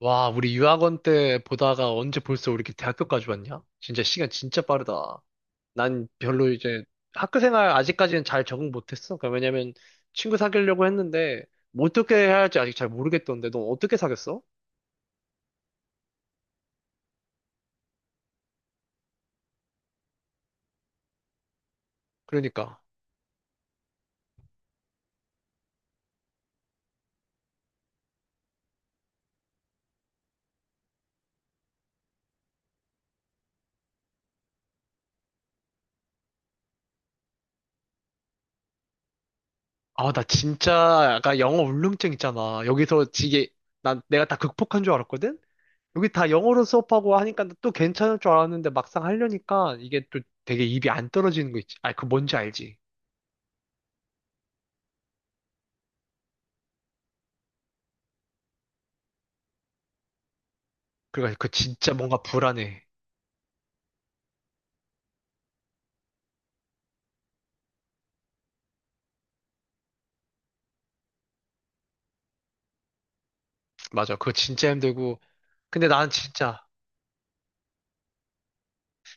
와, 우리 유학원 때 보다가 언제 벌써 우리 이렇게 대학교까지 왔냐? 진짜 시간 진짜 빠르다. 난 별로 이제 학교 생활 아직까지는 잘 적응 못했어. 그러니까 왜냐면 친구 사귀려고 했는데 뭐 어떻게 해야 할지 아직 잘 모르겠던데 넌 어떻게 사귀었어? 그러니까. 아, 나 진짜 약간 영어 울렁증 있잖아. 여기서 이게 난 내가 다 극복한 줄 알았거든? 여기 다 영어로 수업하고 하니까 또 괜찮을 줄 알았는데 막상 하려니까 이게 또 되게 입이 안 떨어지는 거 있지. 아, 그 뭔지 알지? 그러니까 그 진짜 뭔가 불안해. 맞아. 그거 진짜 힘들고. 근데 나는 진짜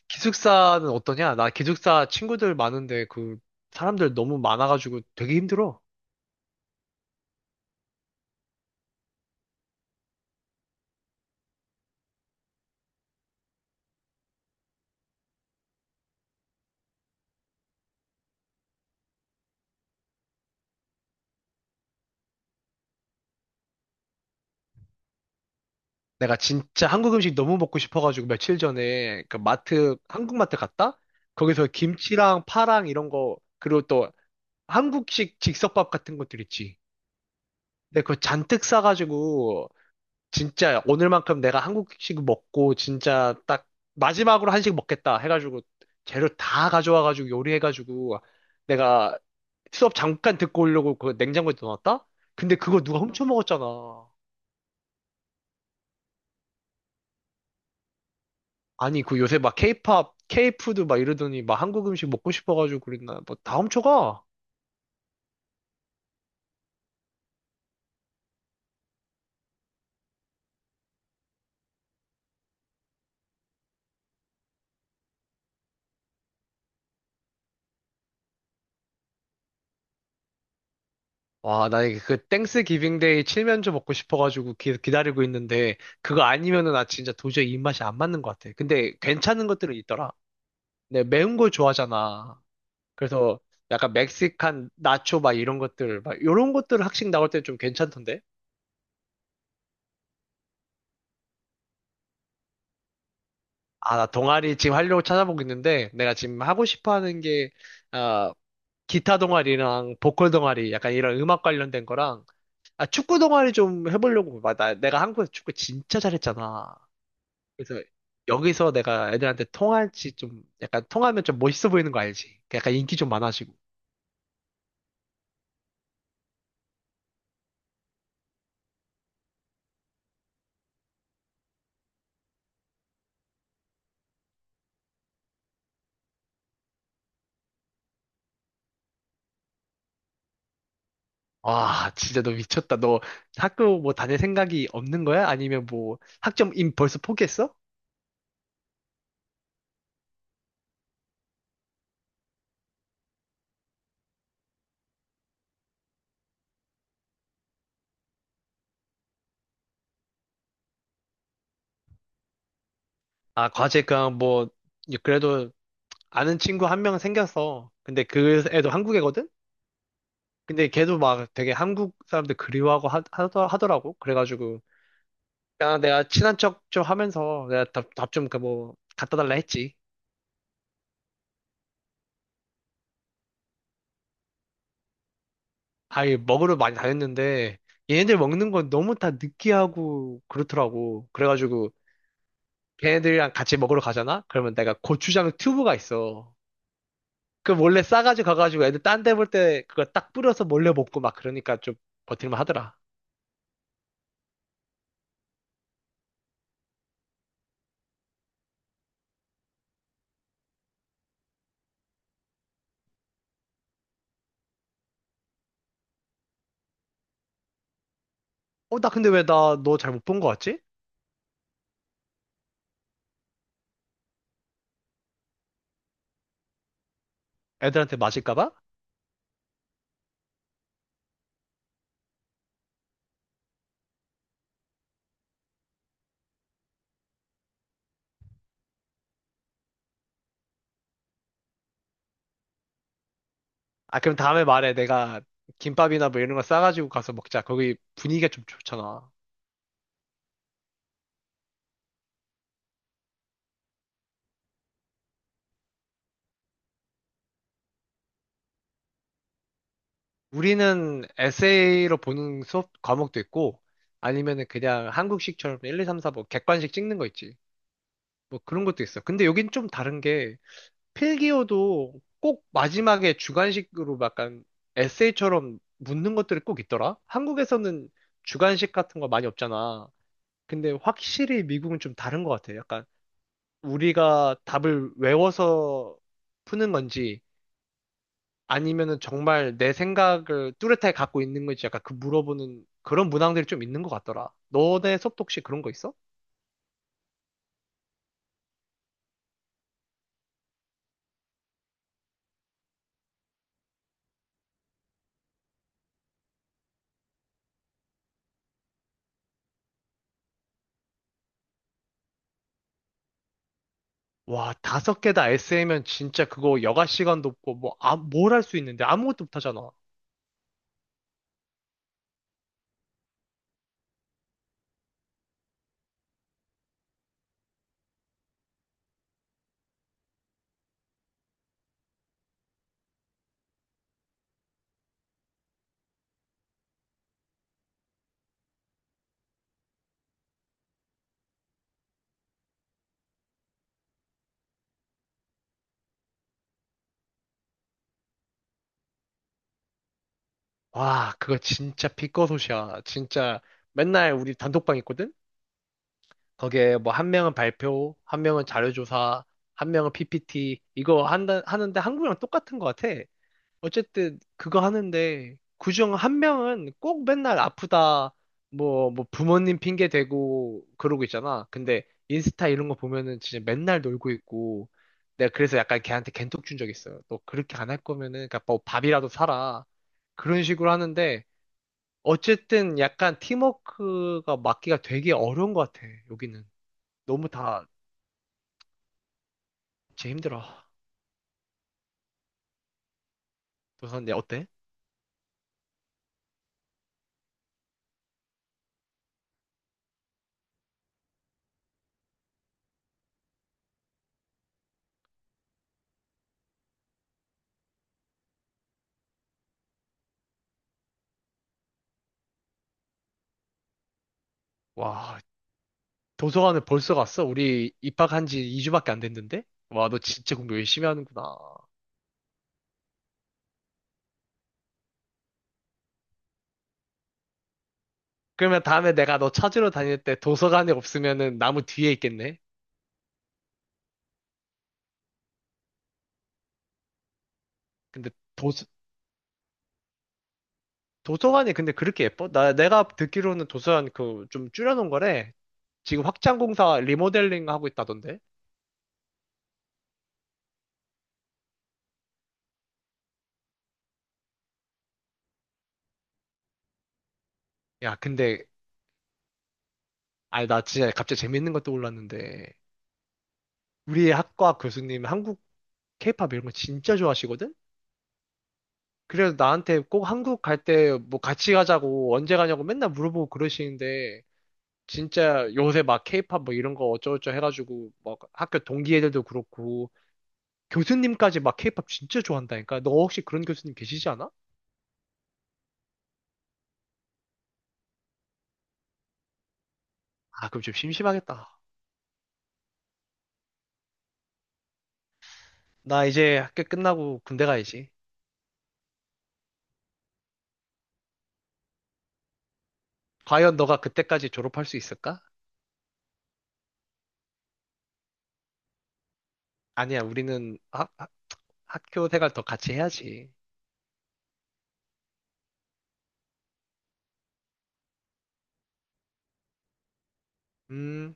기숙사는 어떠냐? 나 기숙사 친구들 많은데 그 사람들 너무 많아가지고 되게 힘들어. 내가 진짜 한국 음식 너무 먹고 싶어가지고 며칠 전에 그 마트, 한국 마트 갔다? 거기서 김치랑 파랑 이런 거, 그리고 또 한국식 즉석밥 같은 것들 있지. 근데 그거 잔뜩 싸가지고 진짜 오늘만큼 내가 한국식 먹고 진짜 딱 마지막으로 한식 먹겠다 해가지고 재료 다 가져와가지고 요리해가지고 내가 수업 잠깐 듣고 오려고 그 냉장고에 넣어놨다. 근데 그거 누가 훔쳐 먹었잖아. 아니 그 요새 막 케이팝, 케이푸드 막 이러더니 막 한국 음식 먹고 싶어가지고 그랬나? 뭐 다 훔쳐가? 와, 나 이게 그 땡스 기빙데이 칠면조 먹고 싶어가지고 기다리고 있는데 그거 아니면은 나 진짜 도저히 입맛이 안 맞는 것 같아. 근데 괜찮은 것들은 있더라. 네, 매운 걸 좋아하잖아. 그래서 약간 멕시칸 나초 막 이런 것들, 막 이런 것들 학식 나올 때 좀 괜찮던데? 아, 나 동아리 지금 하려고 찾아보고 있는데 내가 지금 하고 싶어 하는 게, 아, 기타 동아리랑 보컬 동아리 약간 이런 음악 관련된 거랑, 아, 축구 동아리 좀 해보려고. 막 나, 내가 한국에서 축구 진짜 잘했잖아. 그래서 여기서 내가 애들한테 통할지 좀, 약간 통하면 좀 멋있어 보이는 거 알지? 약간 인기 좀 많아지고. 와, 진짜 너 미쳤다. 너 학교 뭐 다닐 생각이 없는 거야? 아니면 뭐 학점 임 벌써 포기했어? 아, 과제 그냥 뭐 그래도 아는 친구 한 명 생겼어. 근데 그 애도 한국애거든? 근데 걔도 막 되게 한국 사람들 그리워하고 하더라고. 그래가지고 야, 내가 친한 척 좀 하면서 내가 답좀뭐 갖다 달라 했지. 아이 먹으러 많이 다녔는데 얘네들 먹는 건 너무 다 느끼하고 그렇더라고. 그래가지고 걔네들이랑 같이 먹으러 가잖아? 그러면 내가 고추장 튜브가 있어. 그 몰래 싸가지고 가가지고 애들 딴데 볼 때 그거 딱 뿌려서 몰래 먹고 막 그러니까 좀 버틸만 하더라. 어, 나 근데 왜 나 너 잘 못 본 거 같지? 애들한테 맞을까 봐? 아, 그럼 다음에 말해. 내가 김밥이나 뭐 이런 거 싸가지고 가서 먹자. 거기 분위기가 좀 좋잖아. 우리는 에세이로 보는 수업 과목도 있고 아니면은 그냥 한국식처럼 1, 2, 3, 4 뭐 객관식 찍는 거 있지. 뭐 그런 것도 있어. 근데 여긴 좀 다른 게 필기어도 꼭 마지막에 주관식으로 약간 에세이처럼 묻는 것들이 꼭 있더라? 한국에서는 주관식 같은 거 많이 없잖아. 근데 확실히 미국은 좀 다른 것 같아. 약간 우리가 답을 외워서 푸는 건지 아니면은 정말 내 생각을 뚜렷하게 갖고 있는 건지 약간 그 물어보는 그런 문항들이 좀 있는 것 같더라. 너네 수업도 혹시 그런 거 있어? 와, 다섯 개다 에세이면 진짜 그거 여가 시간도 없고, 뭐, 아, 뭘 할 수 있는데 아무것도 못 하잖아. 와, 그거 진짜 피꺼소시야. 진짜 맨날 우리 단톡방 있거든? 거기에 뭐 한 명은 발표, 한 명은 자료조사, 한 명은 PPT, 이거 한다, 하는데 한국이랑 똑같은 것 같아. 어쨌든 그거 하는데 그중 한 명은 꼭 맨날 아프다 뭐 뭐 부모님 핑계 대고 그러고 있잖아. 근데 인스타 이런 거 보면은 진짜 맨날 놀고 있고 내가 그래서 약간 걔한테 갠톡 준 적 있어요. 너 그렇게 안 할 거면은 그러니까 뭐 밥이라도 사라. 그런 식으로 하는데 어쨌든 약간 팀워크가 맞기가 되게 어려운 것 같아. 여기는 너무 다 제 힘들어. 너선 내 어때? 와, 도서관을 벌써 갔어? 우리 입학한 지 2주밖에 안 됐는데? 와, 너 진짜 공부 열심히 하는구나. 그러면 다음에 내가 너 찾으러 다닐 때 도서관에 없으면은 나무 뒤에 있겠네? 근데 도서, 도서관이 근데 그렇게 예뻐? 나, 내가 듣기로는 도서관 그 좀 줄여놓은 거래. 지금 확장공사 리모델링 하고 있다던데? 야, 근데, 아니, 나 진짜 갑자기 재밌는 것도 올랐는데 우리 학과 교수님 한국 케이팝 이런 거 진짜 좋아하시거든? 그래서 나한테 꼭 한국 갈 때 뭐 같이 가자고 언제 가냐고 맨날 물어보고 그러시는데 진짜 요새 막 케이팝 뭐 이런 거 어쩌고저쩌고 해가지고 막 학교 동기 애들도 그렇고 교수님까지 막 케이팝 진짜 좋아한다니까 너 혹시 그런 교수님 계시지 않아? 아 그럼 좀 심심하겠다. 나 이제 학교 끝나고 군대 가야지. 과연 너가 그때까지 졸업할 수 있을까? 아니야 우리는 학교 생활 더 같이 해야지. 음